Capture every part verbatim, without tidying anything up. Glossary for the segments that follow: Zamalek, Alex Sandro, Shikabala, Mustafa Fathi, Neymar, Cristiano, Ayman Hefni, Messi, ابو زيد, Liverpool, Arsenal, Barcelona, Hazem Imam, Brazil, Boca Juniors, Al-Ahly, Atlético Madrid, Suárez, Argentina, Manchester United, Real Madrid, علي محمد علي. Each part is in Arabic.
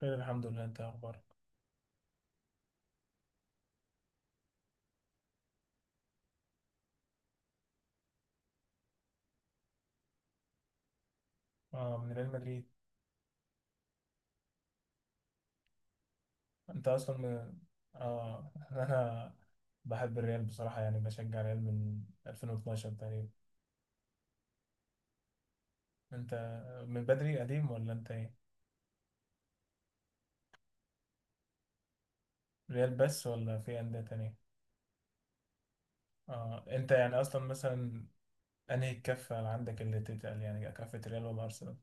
خير، الحمد لله. انت إيه اخبارك؟ اه، من ريال مدريد. انت اصلا من... اه انا بحب الريال بصراحة، يعني بشجع الريال من ألفين واتناشر تقريبا. انت من بدري قديم ولا انت ايه؟ ريال بس ولا في أندية تانية؟ اه، انت يعني اصلا مثلا انهي الكفة اللي عندك اللي تتقل، يعني كفة ريال ولا ارسنال؟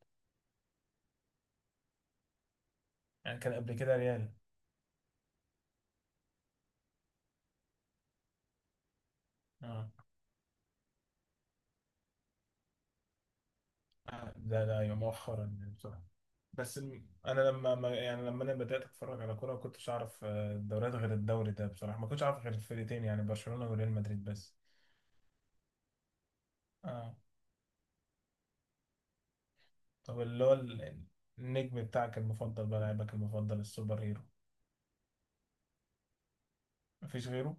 يعني كان قبل كده ريال؟ اه، ده ده ايوه، مؤخرا يعني بصراحة. بس الم- انا لما ما- يعني لما انا بدات اتفرج على كوره ما كنتش اعرف آه، الدوريات غير الدوري ده بصراحه، ما كنتش اعرف غير الفرقتين، يعني برشلونه وريال مدريد بس. اه، طب اللي هو ال- النجم بتاعك المفضل، بقى لاعبك المفضل، السوبر هيرو؟ مفيش غيره؟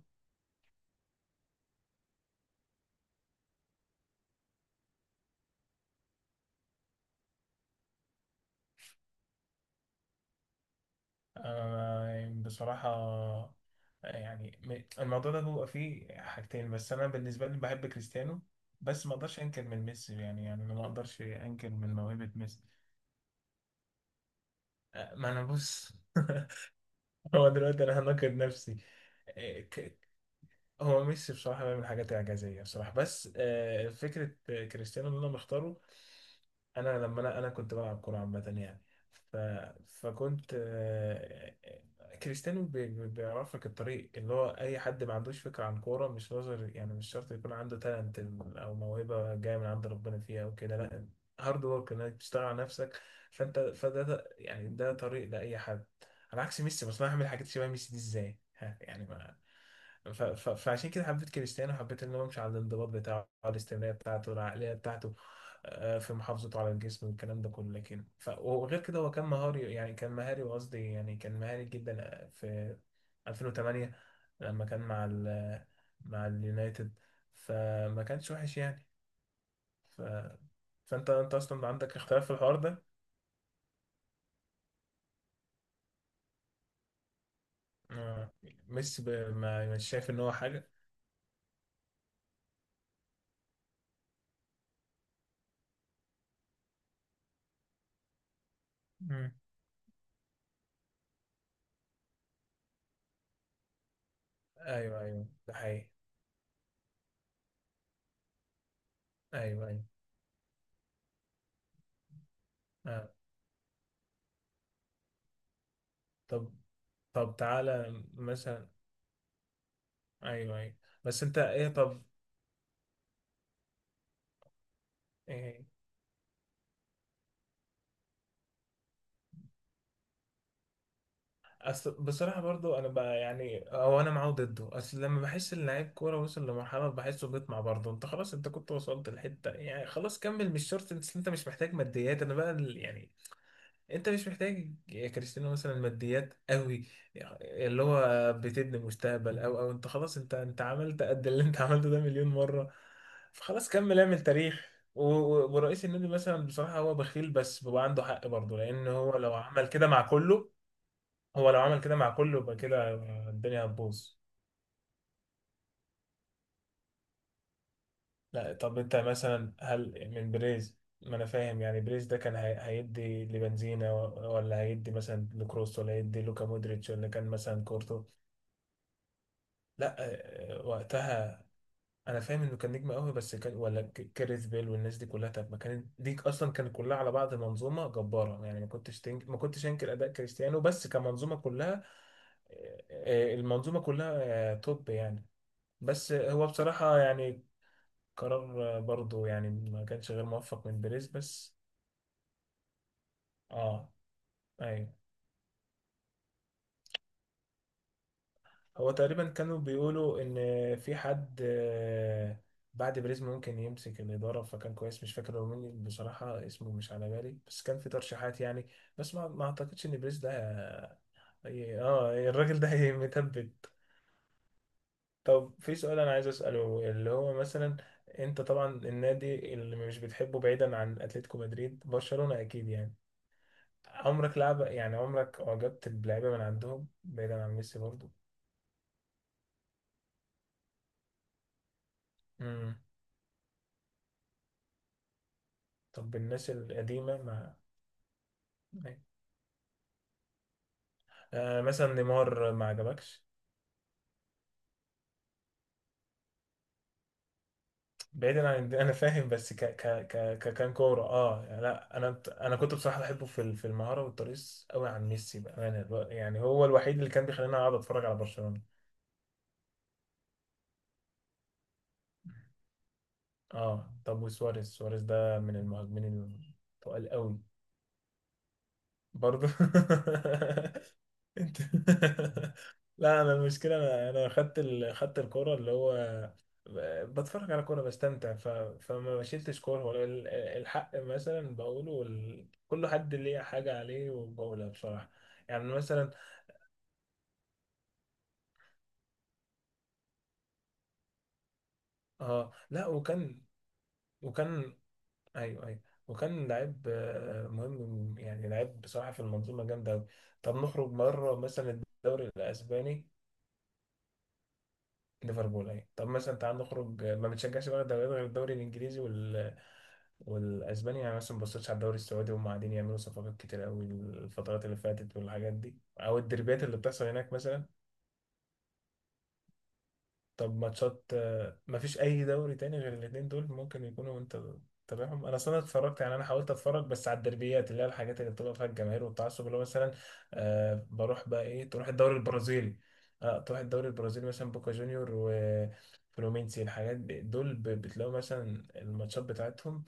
آه يعني بصراحه. آه، يعني م- الموضوع ده بيبقى فيه حاجتين، بس انا بالنسبه لي بحب كريستيانو. بس ما اقدرش انكر من ميسي، يعني يعني أنا ما اقدرش انكر من موهبه ميسي. آه، ما انا بص. هو دلوقتي انا همكن نفسي. إيه، ك- هو ميسي بصراحة بيعمل حاجات إعجازية بصراحة، بس آه، فكرة. آه، كريستيانو اللي أنا مختاره. أنا لما أنا أنا كنت بلعب كورة عامة يعني. ف... فكنت آه، كريستيانو بي- بي- بيعرف لك الطريق، اللي هو أي حد ما عندوش فكرة عن كورة، مش نظر يعني، مش شرط يكون عنده تالنت أو موهبة جاية من عند ربنا فيها أو كده، لأ. هارد ورك إنك تشتغل على نفسك. فأنت فده ده يعني ده طريق لأي حد، على عكس ميسي. بس أنا هعمل حاجات شبه ميسي دي إزاي؟ ها، يعني ف... ف... فعشان كده حبيت كريستيانو، حبيت ان هو يمشي على الانضباط بتاعه، على الاستمراريه بتاعته، العقليه بتاعته، آه، في محافظته على الجسم والكلام ده كله. لكن ف... وغير كده هو كان مهاري، يعني كان مهاري قصدي، يعني كان مهاري جدا آه، في ألفين وثمانية لما كان مع ال... مع اليونايتد، فما كانش وحش يعني. ف... فانت انت اصلا عندك اختلاف في الحوار ده. آه، ميسي ب... ما مش شايف ان هو حاجه. مم. ايوه، ايوه، ده حقيقي. ايوه، ايوه. آه. طب طب تعالى مثلا. ايوه، ايوه. بس انت ايه طب؟ إيه؟ أصل بصراحة برضو أنا بقى، يعني أو أنا معاه ضده. أصل لما بحس إن لعيب كورة وصل لمرحلة بحسه بيطمع برضه. أنت خلاص، أنت كنت وصلت لحتة، يعني خلاص كمل، مش شرط. أنت أنت مش محتاج ماديات. أنا بقى ال- يعني انت مش محتاج يا كريستيانو مثلا ماديات قوي، اللي هو بتبني مستقبل، او او انت خلاص، انت انت عملت قد اللي انت عملته ده مليون مرة. فخلاص كمل، اعمل تاريخ. و- و- ورئيس النادي مثلا بصراحة هو بخيل، بس بيبقى عنده حق برضه، لان هو لو عمل كده مع كله، هو لو عمل كده مع كله، يبقى كده الدنيا هتبوظ. لا، طب انت مثلا هل من بريز؟ ما انا فاهم، يعني بريز ده كان هي- هيدي لبنزينا، و- ولا هيدي مثلا لكروس، ولا هيدي لوكا مودريتش، ولا كان مثلا كورتوا؟ لا. آه، وقتها، انا فاهم انه كان نجم قوي، بس كان ولا ك- كاريث بيل والناس دي كلها، طب ما كانت دي اصلا كانت كلها على بعض منظومه جباره، يعني ما كنتش تنك... ما كنتش انكر اداء كريستيانو، بس كمنظومه كلها. آه، آه، المنظومه كلها آه، توب يعني. بس آه، هو بصراحه يعني قرار آه، برضه، يعني ما كانش غير موفق من بيريز بس. اه، ايوه. هو تقريبا كانوا بيقولوا ان في حد آه، بعد بريز ممكن يمسك الاداره، فكان كويس. مش فاكر هو مين بصراحه، اسمه مش على بالي، بس كان في ترشيحات يعني. بس ما ما اعتقدش ان بريز ده هي- اه، الراجل ده هي- متبت. طب، في سؤال انا عايز اساله اللي هو مثلا انت طبعا النادي اللي مش بتحبه، بعيدا عن اتلتيكو مدريد، برشلونه اكيد يعني، عمرك لعب، يعني عمرك اعجبت بلعيبه من عندهم، بعيدا عن ميسي برضو؟ امم. طب الناس القديمه؟ ما آه مثلا، نيمار ما عجبكش؟ بعيدا عن الد- انا فاهم، بس ك ك ك ك- كان كوره، اه يعني. لا، انا انا كنت بصراحه بحبه في ال- في المهاره والترقيص قوي عن ميسي بامانه. الو- يعني هو الوحيد اللي كان بيخليني اقعد اتفرج على برشلونه. اه، طب وسواريز، سواريز ده من المهاجمين التقال قوي. برضه. انت. لا، انا المشكله، انا انا خدت ال... خدت الكوره، اللي هو بتفرج على كورة بستمتع. ف... فما بشيلتش كورة، ولا ال- الحق مثلا بقوله، وال... كل حد ليه حاجة عليه وبقولها بصراحة، يعني مثلا. اه، لا، وكان، وكان، ايوه ايوه، وكان لعيب آه، مهم يعني، لعيب بصراحة في المنظومة، جامدة أوي. طب نخرج مرة مثلا الدوري الأسباني. ليفربول اهي. طب مثلا، تعال نخرج، ما بتشجعش بقى دوريات غير الدوري الإنجليزي والاسباني؟ يعني مثلا ما بصيتش على الدوري السعودي؟ هم قاعدين يعملوا صفقات كتير قوي الفترات اللي فاتت والحاجات دي، او الدربيات اللي بتحصل هناك مثلا. طب ماتشات، آه، ما فيش اي دوري تاني غير الاتنين دول ممكن يكونوا انت تابعهم؟ انا اصلا اتفرجت، يعني انا حاولت اتفرج بس على الدربيات، اللي هي الحاجات اللي بتبقى فيها الجماهير والتعصب اللي هو مثلا، آه بروح بقى ايه، تروح الدوري البرازيلي؟ اه، تروح الدوري البرازيلي مثلا، بوكا جونيور وفلومينسي، الحاجات دي دول ب- بتلاقوا مثلا الماتشات بتاعتهم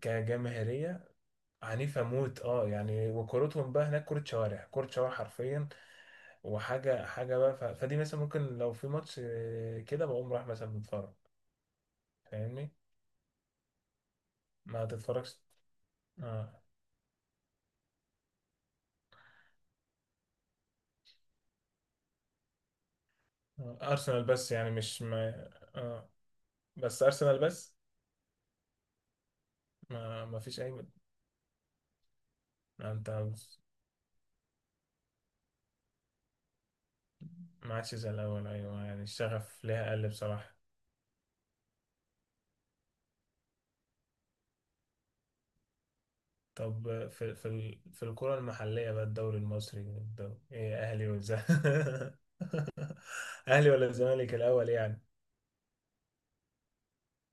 كجماهيرية عنيفة موت، اه يعني. وكورتهم بقى هناك كورة شوارع، كورة شوارع حرفيا، وحاجة حاجة بقى. ف... فدي مثلا ممكن لو في ماتش آه، كده بقوم رايح مثلا متفرج. فاهمني؟ ما تتفرجش؟ اه. آه. أرسنال بس؟ يعني مش ما... اه، بس أرسنال بس؟ ما, ما فيش أي ما. أنت بص- ما عادش زي الأول، أيوه يعني، الشغف ليها قل بصراحة. طب آه، في في ال... في الكرة المحلية بقى، الدوري المصري، الدوري، إيه، أهلي والزمالك. أهلي ولا الزمالك الأول، يعني؟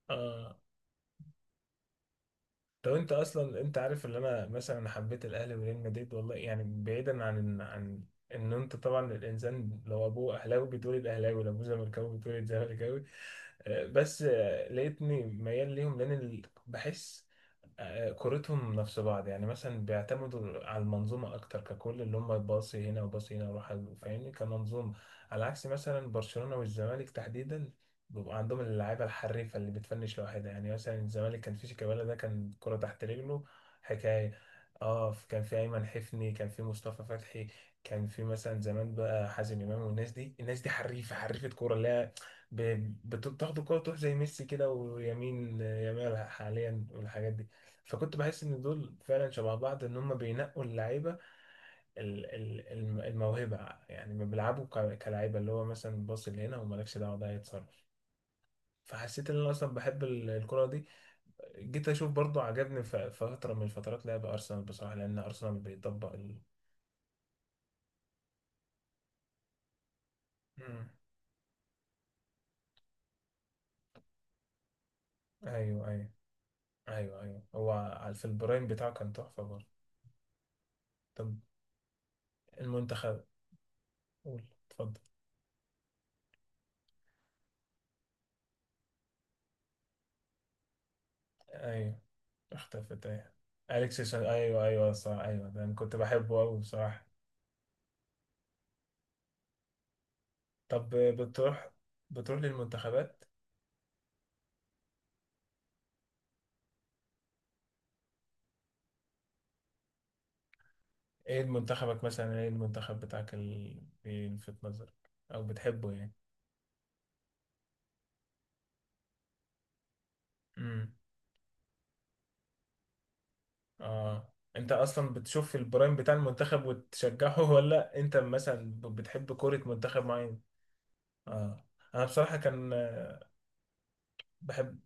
اه، طب انت اصلا، انت عارف ان انا مثلا حبيت الاهلي وريال مدريد والله، يعني بعيدا عن عن ان انت طبعا الانسان لو ابوه اهلاوي بيتولد اهلاوي، لو ابوه زملكاوي بيتولد زملكاوي. آه، بس آه، لقيتني ميال ليهم، لان ال- بحس آه، كورتهم نفس بعض، يعني مثلا بيعتمدوا على المنظومة أكتر ككل، اللي هم باصي هنا وباصي هنا وراح ال- فاهمني، كمنظومة. على عكس مثلا برشلونة والزمالك تحديدا، بيبقى عندهم اللعيبة الحريفة اللي بتفنش لوحدها. يعني مثلا الزمالك كان في شيكابالا، ده كان كرة تحت رجله، حكاية. اه، كان في أيمن حفني، كان في مصطفى فتحي، كان في مثلا زمان بقى حازم إمام والناس دي، الناس دي حريفة، حريفة كورة، اللي هي ب- بتاخد الكورة تروح زي ميسي كده، ويمين يامال حاليا، والحاجات دي. فكنت بحس ان دول فعلا شبه بعض، ان هم بينقوا اللعيبه، ال- ال- الم- الموهبه، يعني ما بيلعبوا ك- كلاعيبه، اللي هو مثلا باص لهنا ومالكش دعوه، ده هيتصرف. فحسيت ان انا اصلا بحب ال- الكره دي، جيت اشوف برضو. عجبني ف- فتره من فترات لعب ارسنال بصراحه، لان ارسنال بيطبق ال... مم. ايوه، ايوه، ايوه، ايوه. هو على- في البرايم بتاعه كان تحفه برضه. طب المنتخب، قول، اتفضل. ايوه، اختفت ايوه. اليكس سان- ايوه، ايوه، صح، ايوه، ده انا كنت بحبه قوي بصراحه. طب بتروح بتروح للمنتخبات؟ ايه منتخبك مثلا، ايه المنتخب بتاعك اللي في نظرك او بتحبه يعني؟ امم. اه، انت اصلا بتشوف البرايم بتاع المنتخب وتشجعه؟ ولا انت مثلا ب- بتحب كرة منتخب معين؟ اه، انا بصراحة كان آه، بحب.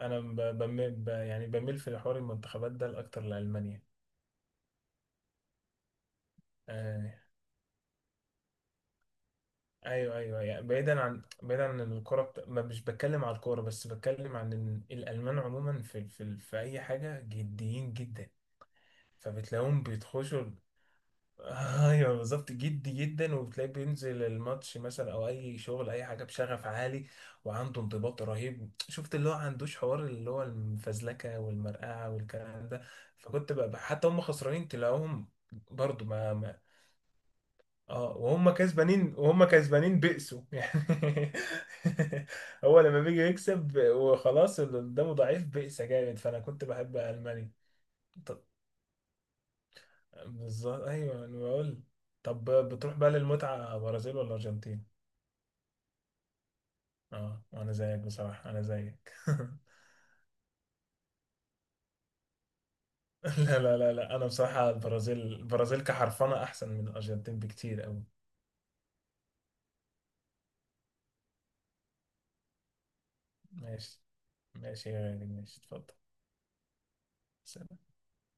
انا ب- بميل، ب- يعني بميل في حوار المنتخبات ده لاكتر لألمانيا. آه. ايوه، ايوه، يعني بعيدا عن بعيدا عن الكوره بت... ما مش بتكلم على الكوره، بس بتكلم عن إن الالمان عموما في في ال- في اي حاجه جديين جدا. فبتلاقيهم بيتخشوا ال- ايوه بالظبط، جدي جدا، وبتلاقيه بينزل الماتش مثلا او اي شغل، اي حاجه بشغف عالي وعنده انضباط رهيب. شفت اللي هو عندوش حوار اللي هو المفزلكه والمرقعه والكلام ده. فكنت بقى حتى هم خسرانين تلاقوهم برضو، ما اه، وهم كسبانين، وهم كسبانين بئسوا يعني. هو لما بيجي يكسب وخلاص اللي قدامه ضعيف، بئس جامد، فانا كنت بحب المانيا. طب بالظبط، ايوه انا بقول، طب بتروح بقى للمتعه، برازيل ولا ارجنتين؟ اه، انا زيك بصراحه، انا زيك. لا، لا، لا، لا، انا بصراحه البرازيل، البرازيل كحرفنه احسن من الارجنتين بكتير قوي. ماشي، ماشي يا غالي، ماشي، اتفضل.